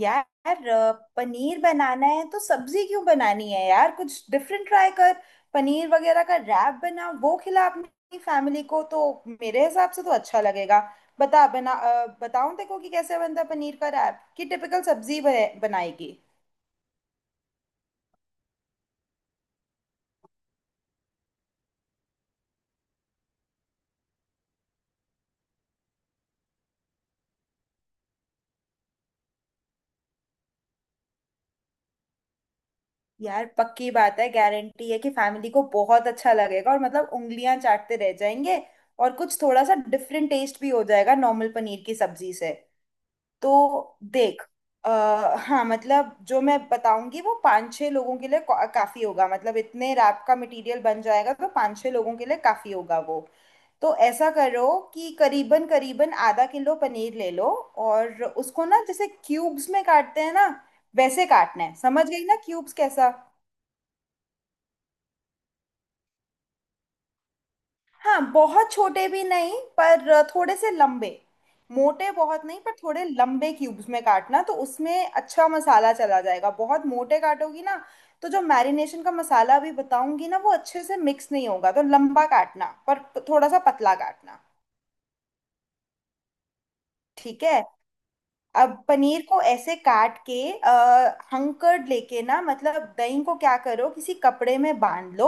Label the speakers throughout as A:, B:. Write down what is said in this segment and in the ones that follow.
A: यार, पनीर बनाना है तो सब्जी क्यों बनानी है। यार, कुछ डिफरेंट ट्राई कर। पनीर वगैरह का रैप बना, वो खिला अपनी फैमिली को तो मेरे हिसाब से तो अच्छा लगेगा। बता, बना, बताऊं देखो कि कैसे बनता है पनीर का रैप, कि टिपिकल सब्जी बनाएगी। यार पक्की बात है, गारंटी है कि फैमिली को बहुत अच्छा लगेगा और मतलब उंगलियां चाटते रह जाएंगे। और कुछ थोड़ा सा डिफरेंट टेस्ट भी हो जाएगा नॉर्मल पनीर की सब्जी से। तो देख। हाँ, मतलब जो मैं बताऊंगी वो पांच छह लोगों के लिए काफी होगा, मतलब इतने रैप का मटेरियल बन जाएगा, तो पांच छह लोगों के लिए काफी होगा वो। तो ऐसा करो कि करीबन करीबन आधा किलो पनीर ले लो, और उसको ना जैसे क्यूब्स में काटते हैं ना, वैसे काटना है। समझ गई ना क्यूब्स कैसा? हाँ। बहुत छोटे भी नहीं पर थोड़े से लंबे, मोटे बहुत नहीं पर थोड़े लंबे क्यूब्स में काटना, तो उसमें अच्छा मसाला चला जाएगा। बहुत मोटे काटोगी ना, तो जो मैरिनेशन का मसाला अभी बताऊंगी ना वो अच्छे से मिक्स नहीं होगा। तो लंबा काटना पर थोड़ा सा पतला काटना। ठीक है। अब पनीर को ऐसे काट के हंकर्ड लेके ना, मतलब दही को क्या करो, किसी कपड़े में बांध लो।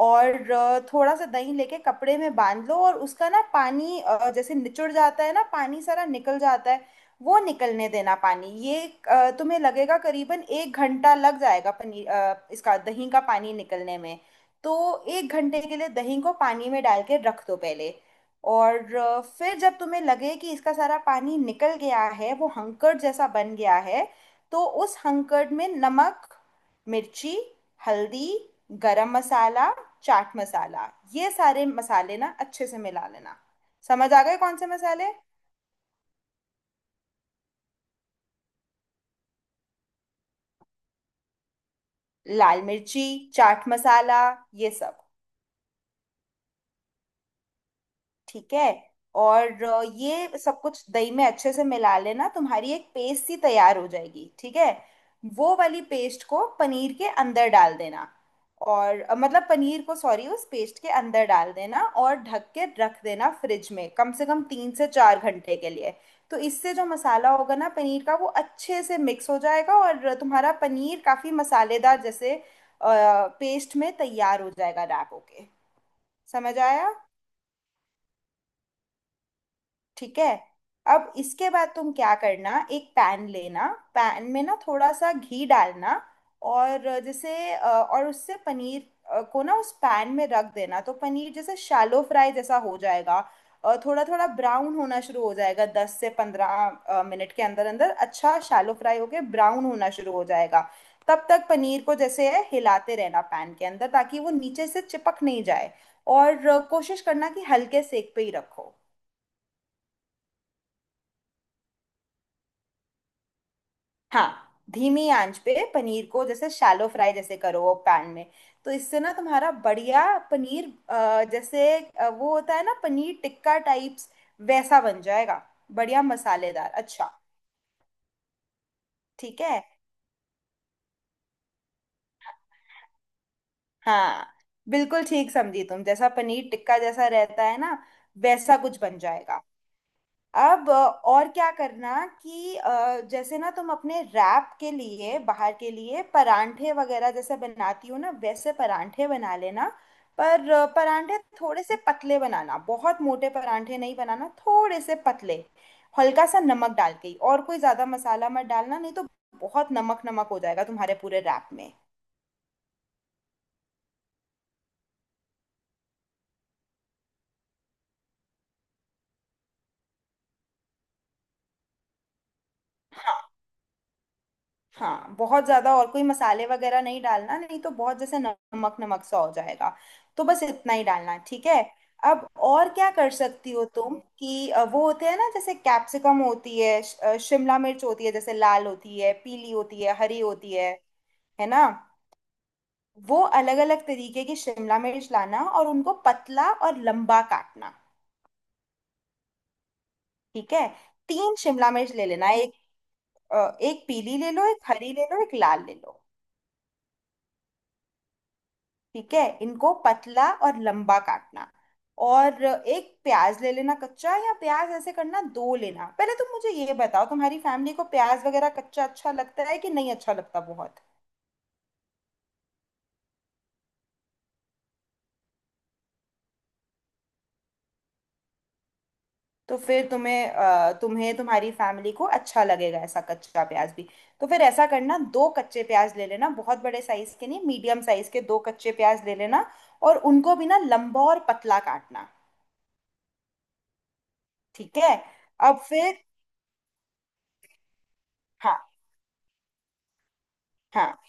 A: और थोड़ा सा दही लेके कपड़े में बांध लो, और उसका ना पानी जैसे निचुड़ जाता है ना, पानी सारा निकल जाता है। वो निकलने देना पानी ये। तुम्हें लगेगा करीबन 1 घंटा लग जाएगा, पनीर इसका दही का पानी निकलने में। तो 1 घंटे के लिए दही को पानी में डाल के रख दो पहले। और फिर जब तुम्हें लगे कि इसका सारा पानी निकल गया है, वो हंकड़ जैसा बन गया है। तो उस हंकड़ में नमक, मिर्ची, हल्दी, गरम मसाला, चाट मसाला, ये सारे मसाले ना अच्छे से मिला लेना। समझ आ गए कौन से मसाले? लाल मिर्ची, चाट मसाला, ये सब। ठीक है। और ये सब कुछ दही में अच्छे से मिला लेना, तुम्हारी एक पेस्ट सी तैयार हो जाएगी। ठीक है। वो वाली पेस्ट को पनीर के अंदर डाल देना। और मतलब पनीर को, सॉरी, उस पेस्ट के अंदर डाल देना और ढक के रख देना फ्रिज में कम से कम 3 से 4 घंटे के लिए। तो इससे जो मसाला होगा ना पनीर का, वो अच्छे से मिक्स हो जाएगा और तुम्हारा पनीर काफी मसालेदार जैसे पेस्ट में तैयार हो जाएगा रैप होके। समझ आया? ठीक है। अब इसके बाद तुम क्या करना, एक पैन लेना। पैन में ना थोड़ा सा घी डालना। और जैसे और उससे पनीर को ना उस पैन में रख देना, तो पनीर जैसे शैलो फ्राई जैसा हो जाएगा। थोड़ा थोड़ा ब्राउन होना शुरू हो जाएगा, 10 से 15 मिनट के अंदर अंदर अच्छा शैलो फ्राई होके ब्राउन होना शुरू हो जाएगा। तब तक पनीर को जैसे है हिलाते रहना पैन के अंदर, ताकि वो नीचे से चिपक नहीं जाए। और कोशिश करना कि हल्के सेक पे ही रखो। हाँ, धीमी आंच पे पनीर को जैसे शैलो फ्राई जैसे करो वो पैन में। तो इससे ना तुम्हारा बढ़िया पनीर, जैसे वो होता है ना पनीर टिक्का टाइप्स, वैसा बन जाएगा। बढ़िया मसालेदार, अच्छा। ठीक है। हाँ, बिल्कुल ठीक समझी तुम। जैसा पनीर टिक्का जैसा रहता है ना, वैसा कुछ बन जाएगा। अब और क्या करना कि जैसे ना तुम अपने रैप के लिए बाहर के लिए परांठे वगैरह जैसे बनाती हो ना, वैसे परांठे बना लेना। पर परांठे थोड़े से पतले बनाना, बहुत मोटे परांठे नहीं बनाना, थोड़े से पतले। हल्का सा नमक डाल के ही, और कोई ज्यादा मसाला मत डालना, नहीं तो बहुत नमक नमक हो जाएगा तुम्हारे पूरे रैप में। हाँ, बहुत ज्यादा और कोई मसाले वगैरह नहीं डालना, नहीं तो बहुत जैसे नमक नमक सा हो जाएगा। तो बस इतना ही डालना, ठीक है। अब और क्या कर सकती हो तुम कि वो होते हैं ना, जैसे कैप्सिकम होती है, शिमला मिर्च होती है, जैसे लाल होती है, पीली होती है, हरी होती है ना। वो अलग अलग तरीके की शिमला मिर्च लाना और उनको पतला और लंबा काटना। ठीक है। तीन शिमला मिर्च ले लेना, एक पीली ले लो, एक हरी ले लो, एक लाल ले लो। ठीक है, इनको पतला और लंबा काटना। और एक प्याज ले लेना कच्चा, या प्याज ऐसे करना दो लेना। पहले तुम मुझे ये बताओ, तुम्हारी फैमिली को प्याज वगैरह कच्चा अच्छा लगता है कि नहीं? अच्छा लगता बहुत, तो फिर तुम्हें तुम्हारी फैमिली को अच्छा लगेगा ऐसा कच्चा प्याज भी। तो फिर ऐसा करना, दो कच्चे प्याज ले लेना, बहुत बड़े साइज के नहीं, मीडियम साइज के दो कच्चे प्याज ले लेना, और उनको भी ना लंबा और पतला काटना। ठीक है। अब फिर। हाँ हाँ,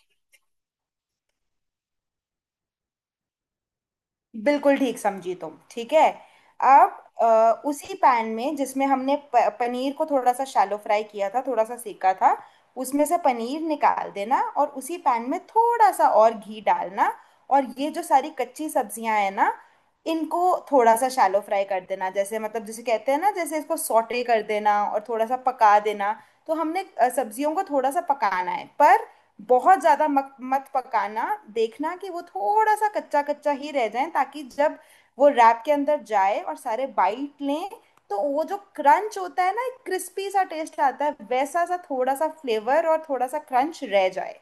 A: बिल्कुल ठीक समझी तुम। ठीक है। अब उसी पैन में जिसमें हमने पनीर को थोड़ा सा शैलो फ्राई किया था, थोड़ा सा सेका था, उसमें से पनीर निकाल देना और उसी पैन में थोड़ा सा और घी डालना। और ये जो सारी कच्ची सब्जियां हैं ना, इनको थोड़ा सा शैलो फ्राई कर देना, जैसे मतलब जिसे कहते हैं ना, जैसे इसको सॉटे कर देना, और थोड़ा सा पका देना। तो हमने सब्जियों को थोड़ा सा पकाना है, पर बहुत ज्यादा मत पकाना। देखना कि वो थोड़ा सा कच्चा कच्चा ही रह जाए, ताकि जब वो रैप के अंदर जाए और सारे बाइट लें, तो वो जो क्रंच होता है ना, एक क्रिस्पी सा टेस्ट आता है, वैसा सा थोड़ा सा फ्लेवर और थोड़ा सा क्रंच रह जाए।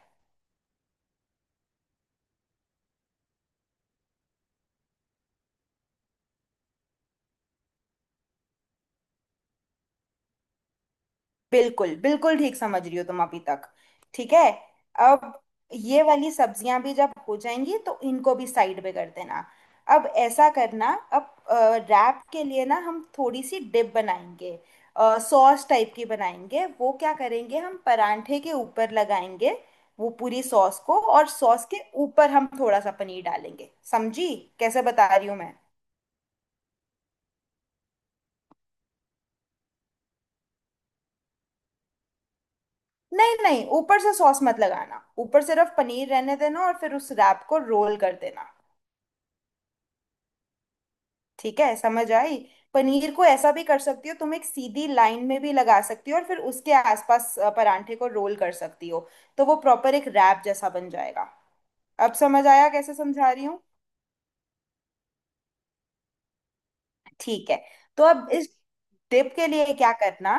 A: बिल्कुल बिल्कुल ठीक समझ रही हो तुम अभी तक। ठीक है। अब ये वाली सब्जियां भी जब हो जाएंगी, तो इनको भी साइड में कर देना। अब ऐसा करना। अब रैप के लिए ना हम थोड़ी सी डिप बनाएंगे, सॉस टाइप की बनाएंगे। वो क्या करेंगे, हम परांठे के ऊपर लगाएंगे वो पूरी सॉस को, और सॉस के ऊपर हम थोड़ा सा पनीर डालेंगे। समझी कैसे बता रही हूँ मैं? नहीं नहीं, ऊपर से सॉस मत लगाना, ऊपर सिर्फ पनीर रहने देना और फिर उस रैप को रोल कर देना। ठीक है, समझ आई? पनीर को ऐसा भी कर सकती हो तुम, एक सीधी लाइन में भी लगा सकती हो, और फिर उसके आसपास परांठे को रोल कर सकती हो। तो वो प्रॉपर एक रैप जैसा बन जाएगा। अब समझ आया कैसे समझा रही हूँ? ठीक है। तो अब इस डिप के लिए क्या करना,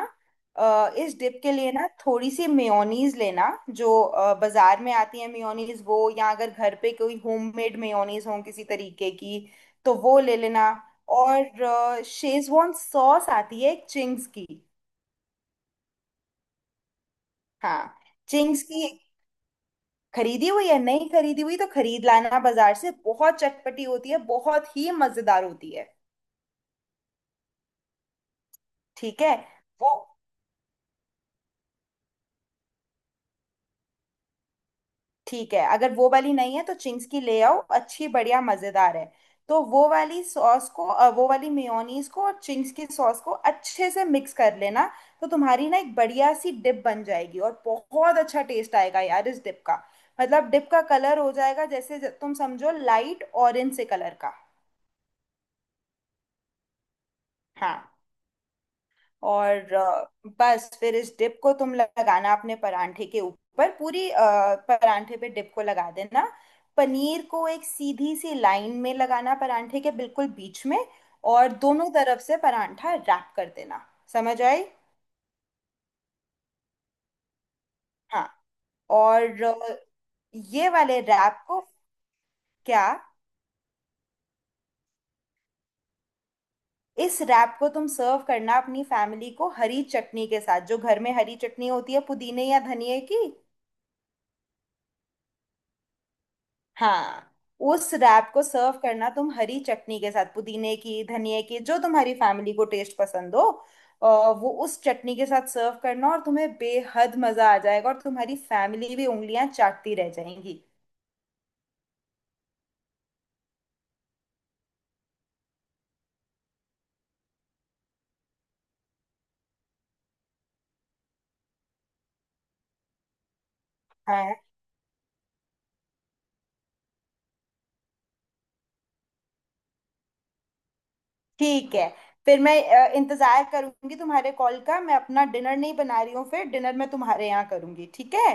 A: इस डिप के लिए ना थोड़ी सी मेयोनीज लेना, जो बाजार में आती है मेयोनीज वो, या अगर घर पे कोई होममेड मेयोनीज हो किसी तरीके की, तो वो ले लेना। और शेजवान सॉस आती है एक चिंग्स की। हाँ, चिंग्स की। खरीदी हुई या नहीं खरीदी हुई तो खरीद लाना बाजार से, बहुत चटपटी होती है, बहुत ही मजेदार होती है। ठीक है वो। ठीक है, अगर वो वाली नहीं है तो चिंग्स की ले आओ, अच्छी बढ़िया मजेदार है। तो वो वाली सॉस को, वो वाली मेयोनीज को और चिंग्स की सॉस को अच्छे से मिक्स कर लेना। तो तुम्हारी ना एक बढ़िया सी डिप बन जाएगी और बहुत अच्छा टेस्ट आएगा यार इस डिप का। मतलब डिप का कलर हो जाएगा जैसे तुम समझो लाइट ऑरेंज से कलर का। हाँ। और बस फिर इस डिप को तुम लगाना अपने परांठे के ऊपर पूरी, परांठे पे डिप को लगा देना। पनीर को एक सीधी सी लाइन में लगाना परांठे के बिल्कुल बीच में, और दोनों तरफ से परांठा रैप कर देना। समझ आई? हाँ। और ये वाले रैप को, क्या, इस रैप को तुम सर्व करना अपनी फैमिली को हरी चटनी के साथ, जो घर में हरी चटनी होती है पुदीने या धनिए की। हाँ। उस रैप को सर्व करना तुम हरी चटनी के साथ पुदीने की धनिया की, जो तुम्हारी फैमिली को टेस्ट पसंद हो। अ, वो उस चटनी के साथ सर्व करना और तुम्हें बेहद मजा आ जाएगा और तुम्हारी फैमिली भी उंगलियां चाटती रह जाएंगी। हाँ। ठीक है। फिर मैं इंतजार करूंगी तुम्हारे कॉल का। मैं अपना डिनर नहीं बना रही हूँ, फिर डिनर मैं तुम्हारे यहाँ करूंगी। ठीक है।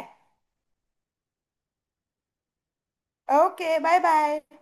A: Okay, bye bye.